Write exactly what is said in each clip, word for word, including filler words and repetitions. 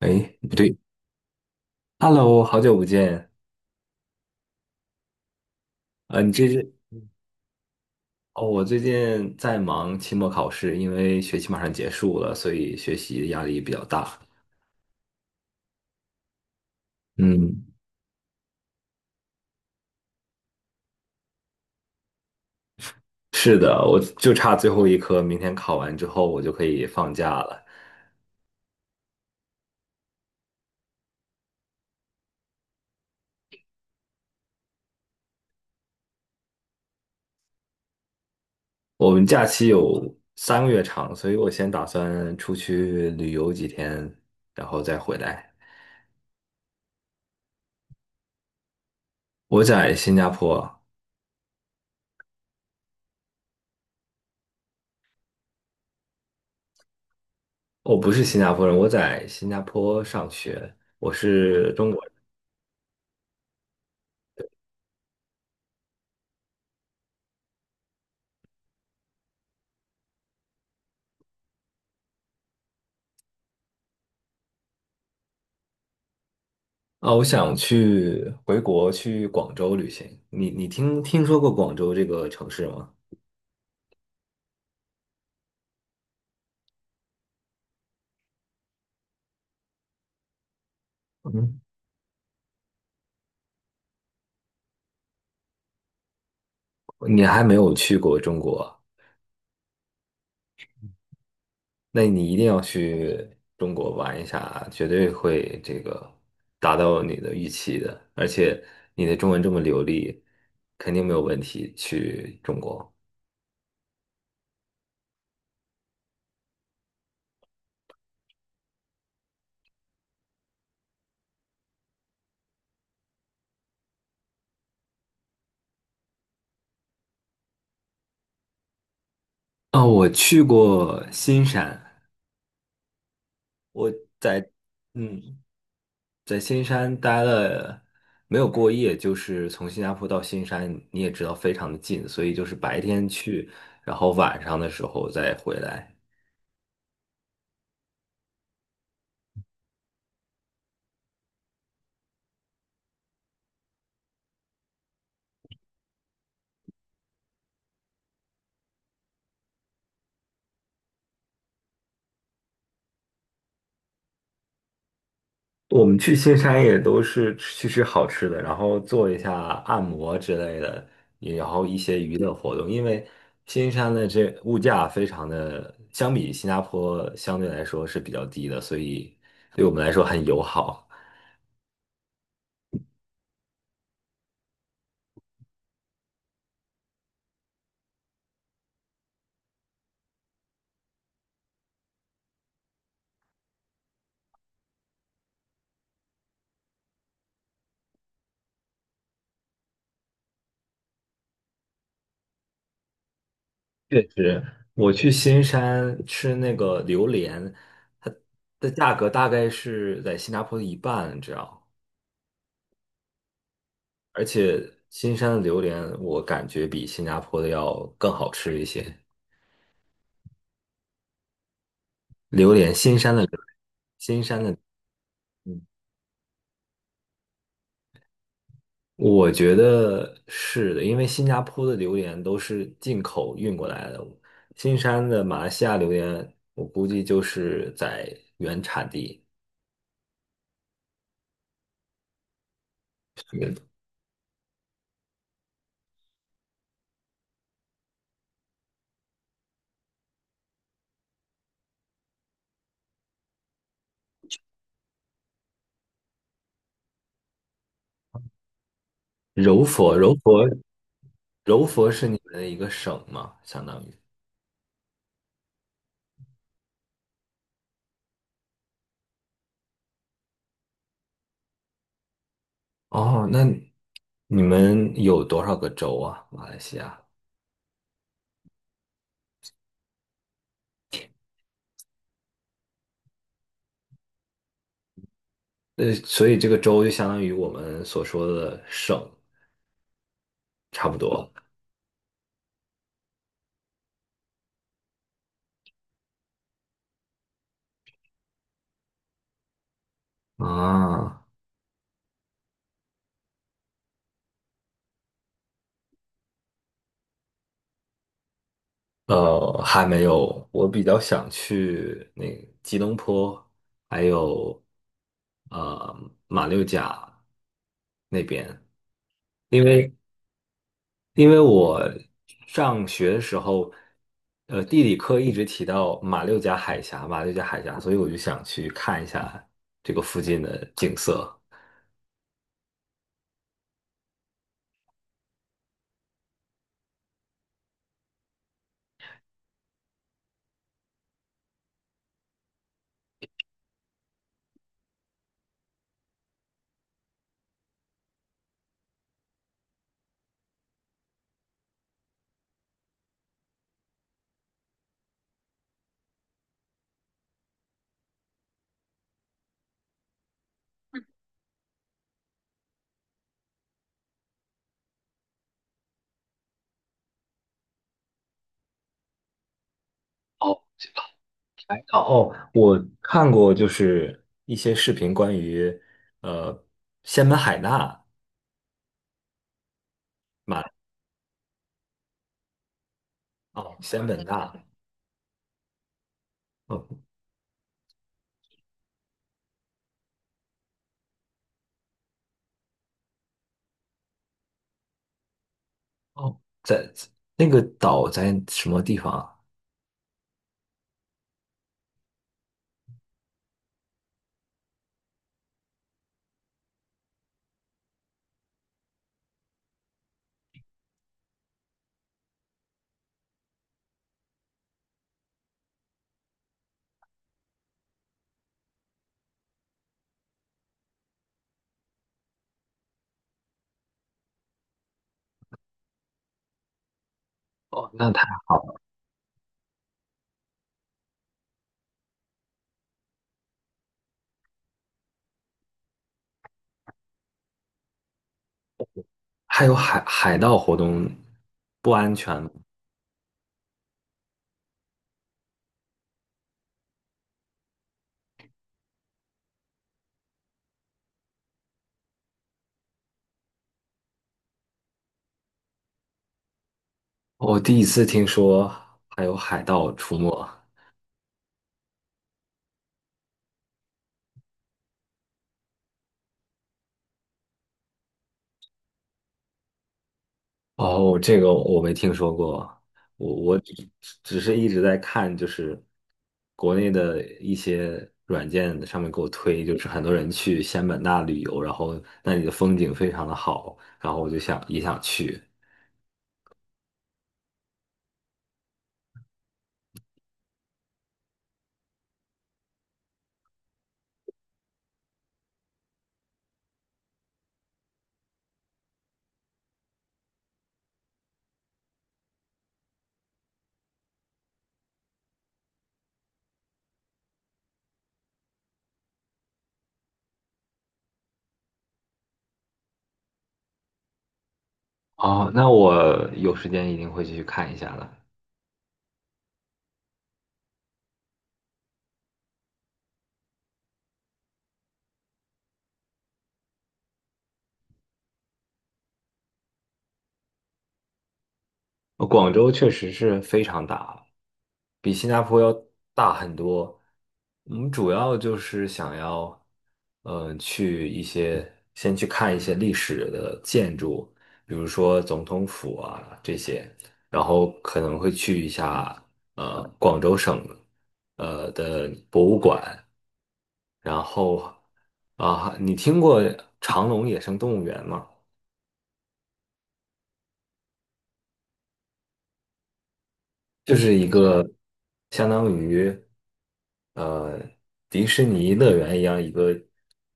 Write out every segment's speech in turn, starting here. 哎，不对，Hello，好久不见。啊！你这是？哦，我最近在忙期末考试，因为学期马上结束了，所以学习压力比较大。嗯，是的，我就差最后一科，明天考完之后我就可以放假了。我们假期有三个月长，所以我先打算出去旅游几天，然后再回来。我在新加坡。我不是新加坡人，我在新加坡上学，我是中国。啊，我想去回国去广州旅行。你你听听说过广州这个城市吗？嗯，你还没有去过中国，那你一定要去中国玩一下，绝对会这个达到你的预期的。而且你的中文这么流利，肯定没有问题去中国。啊，我去过新山。嗯。在新山待了没有过夜，就是从新加坡到新山，你也知道非常的近，所以就是白天去，然后晚上的时候再回来。我们去新山也都是去吃好吃的，然后做一下按摩之类的，也然后一些娱乐活动。因为新山的这物价非常的，相比新加坡相对来说是比较低的，所以对我们来说很友好。确实，我去新山吃那个榴莲，它的价格大概是在新加坡的一半你知道？而且新山的榴莲我感觉比新加坡的要更好吃一些。榴莲，新山的榴新山的。嗯，我觉得是的，因为新加坡的榴莲都是进口运过来的，新山的马来西亚榴莲，我估计就是在原产地。是的。柔佛，柔佛柔佛是你们的一个省吗？相当于。哦，那你们有多少个州啊？马来西亚？呃，所以这个州就相当于我们所说的省，差不多。啊，呃，还没有，我比较想去那个吉隆坡，还有呃马六甲那边，因为因为我上学的时候，呃，地理课一直提到马六甲海峡，马六甲海峡，所以我就想去看一下这个附近的景色。哦，这个海岛。哦，我看过就是一些视频关于呃仙本海纳马。哦，仙本那。哦哦在那个岛在什么地方啊？哦，那太好了。还有海海盗活动，不？我第一次听说还有海盗出没。哦，这个我没听说过。我我只只是一直在看，就是国内的一些软件上面给我推，就是很多人去仙本那旅游，然后那里的风景非常的好，然后我就想也想去。哦，那我有时间一定会去看一下的。呃广州确实是非常大了，比新加坡要大很多。我们主要就是想要，呃，去一些先去看一些历史的建筑，比如说总统府啊这些，然后可能会去一下呃广州省呃的博物馆，然后啊，你听过长隆野生动物园吗？就是一个相当于呃迪士尼乐园一样一个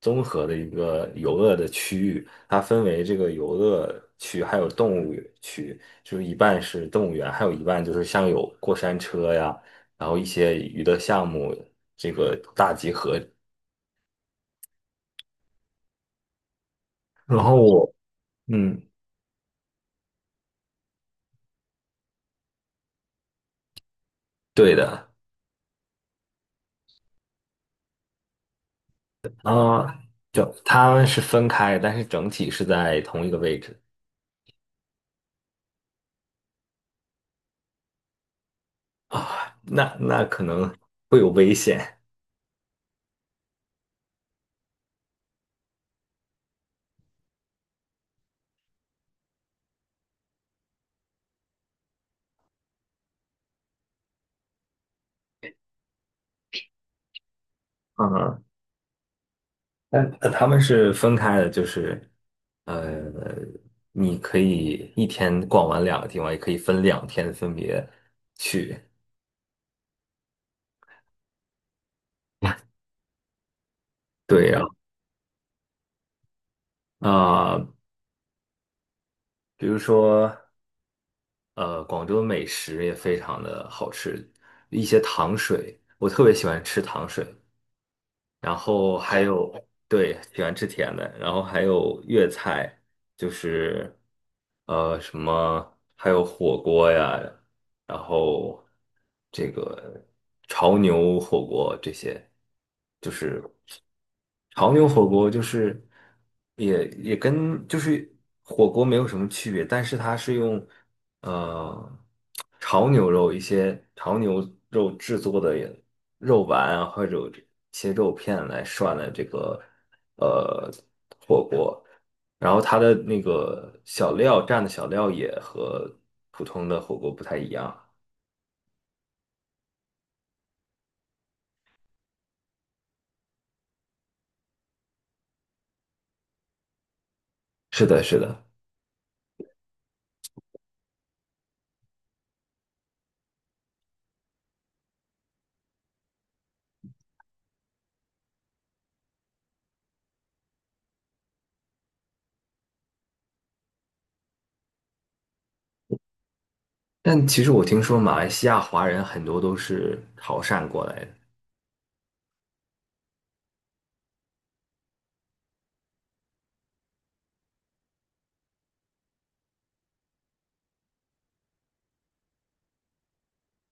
综合的一个游乐的区域，它分为这个游乐区还有动物区，就是一半是动物园，还有一半就是像有过山车呀，然后一些娱乐项目这个大集合。然后我嗯。对的。啊，就他们是分开，但是整体是在同一个位置。啊，那那可能会有危险。嗯，那呃他们是分开的，就是呃，你可以一天逛完两个地方，也可以分两天分别去。对呀，啊，比如说呃，广州的美食也非常的好吃，一些糖水，我特别喜欢吃糖水，然后还有对喜欢吃甜的，然后还有粤菜，就是。呃，什么还有火锅呀，然后这个潮牛火锅这些，就是潮牛火锅就是也也跟就是火锅没有什么区别，但是它是用呃潮牛肉一些潮牛肉制作的肉丸啊或者切肉片来涮的这个。呃。然后它的那个小料蘸的小料也和普通的火锅不太一样。是的，是的。但其实我听说马来西亚华人很多都是潮汕过来的。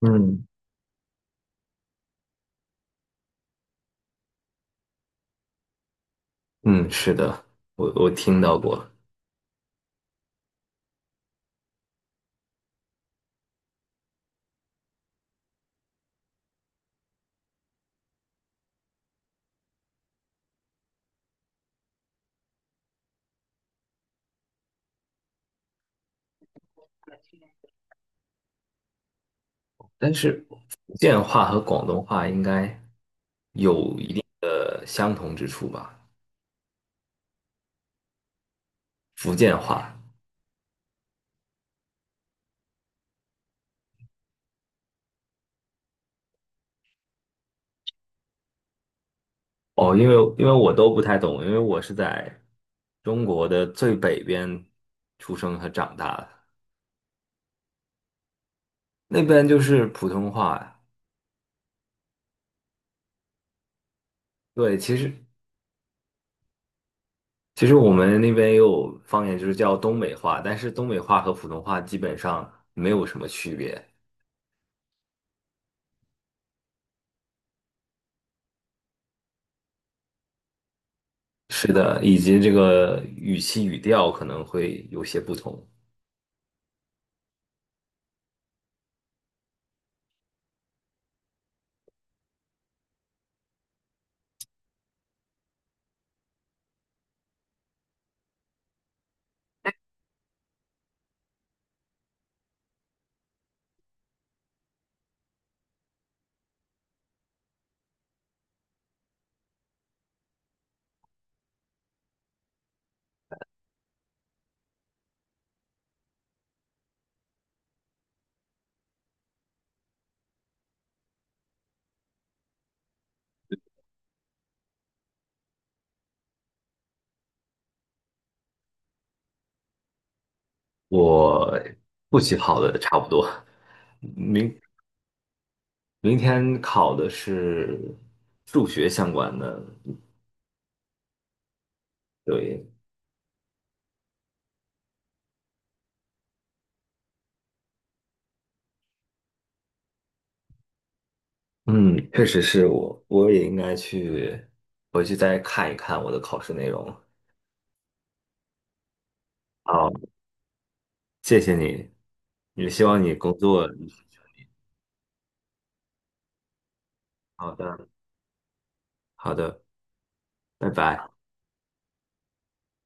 嗯，嗯，是的，我我听到过。但是福建话和广东话应该有一定的相同之处吧？福建话。哦，因为因为我都不太懂，因为我是在中国的最北边出生和长大的。那边就是普通话。对，其实其实我们那边也有方言，就是叫东北话，但是东北话和普通话基本上没有什么区别。是的，以及这个语气语调可能会有些不同。我复习好的差不多，明明天考的是数学相关的。对，嗯，确实是我，我也应该去回去再看一看我的考试内容。好，谢谢你，也希望你工作。好的，好的，拜拜。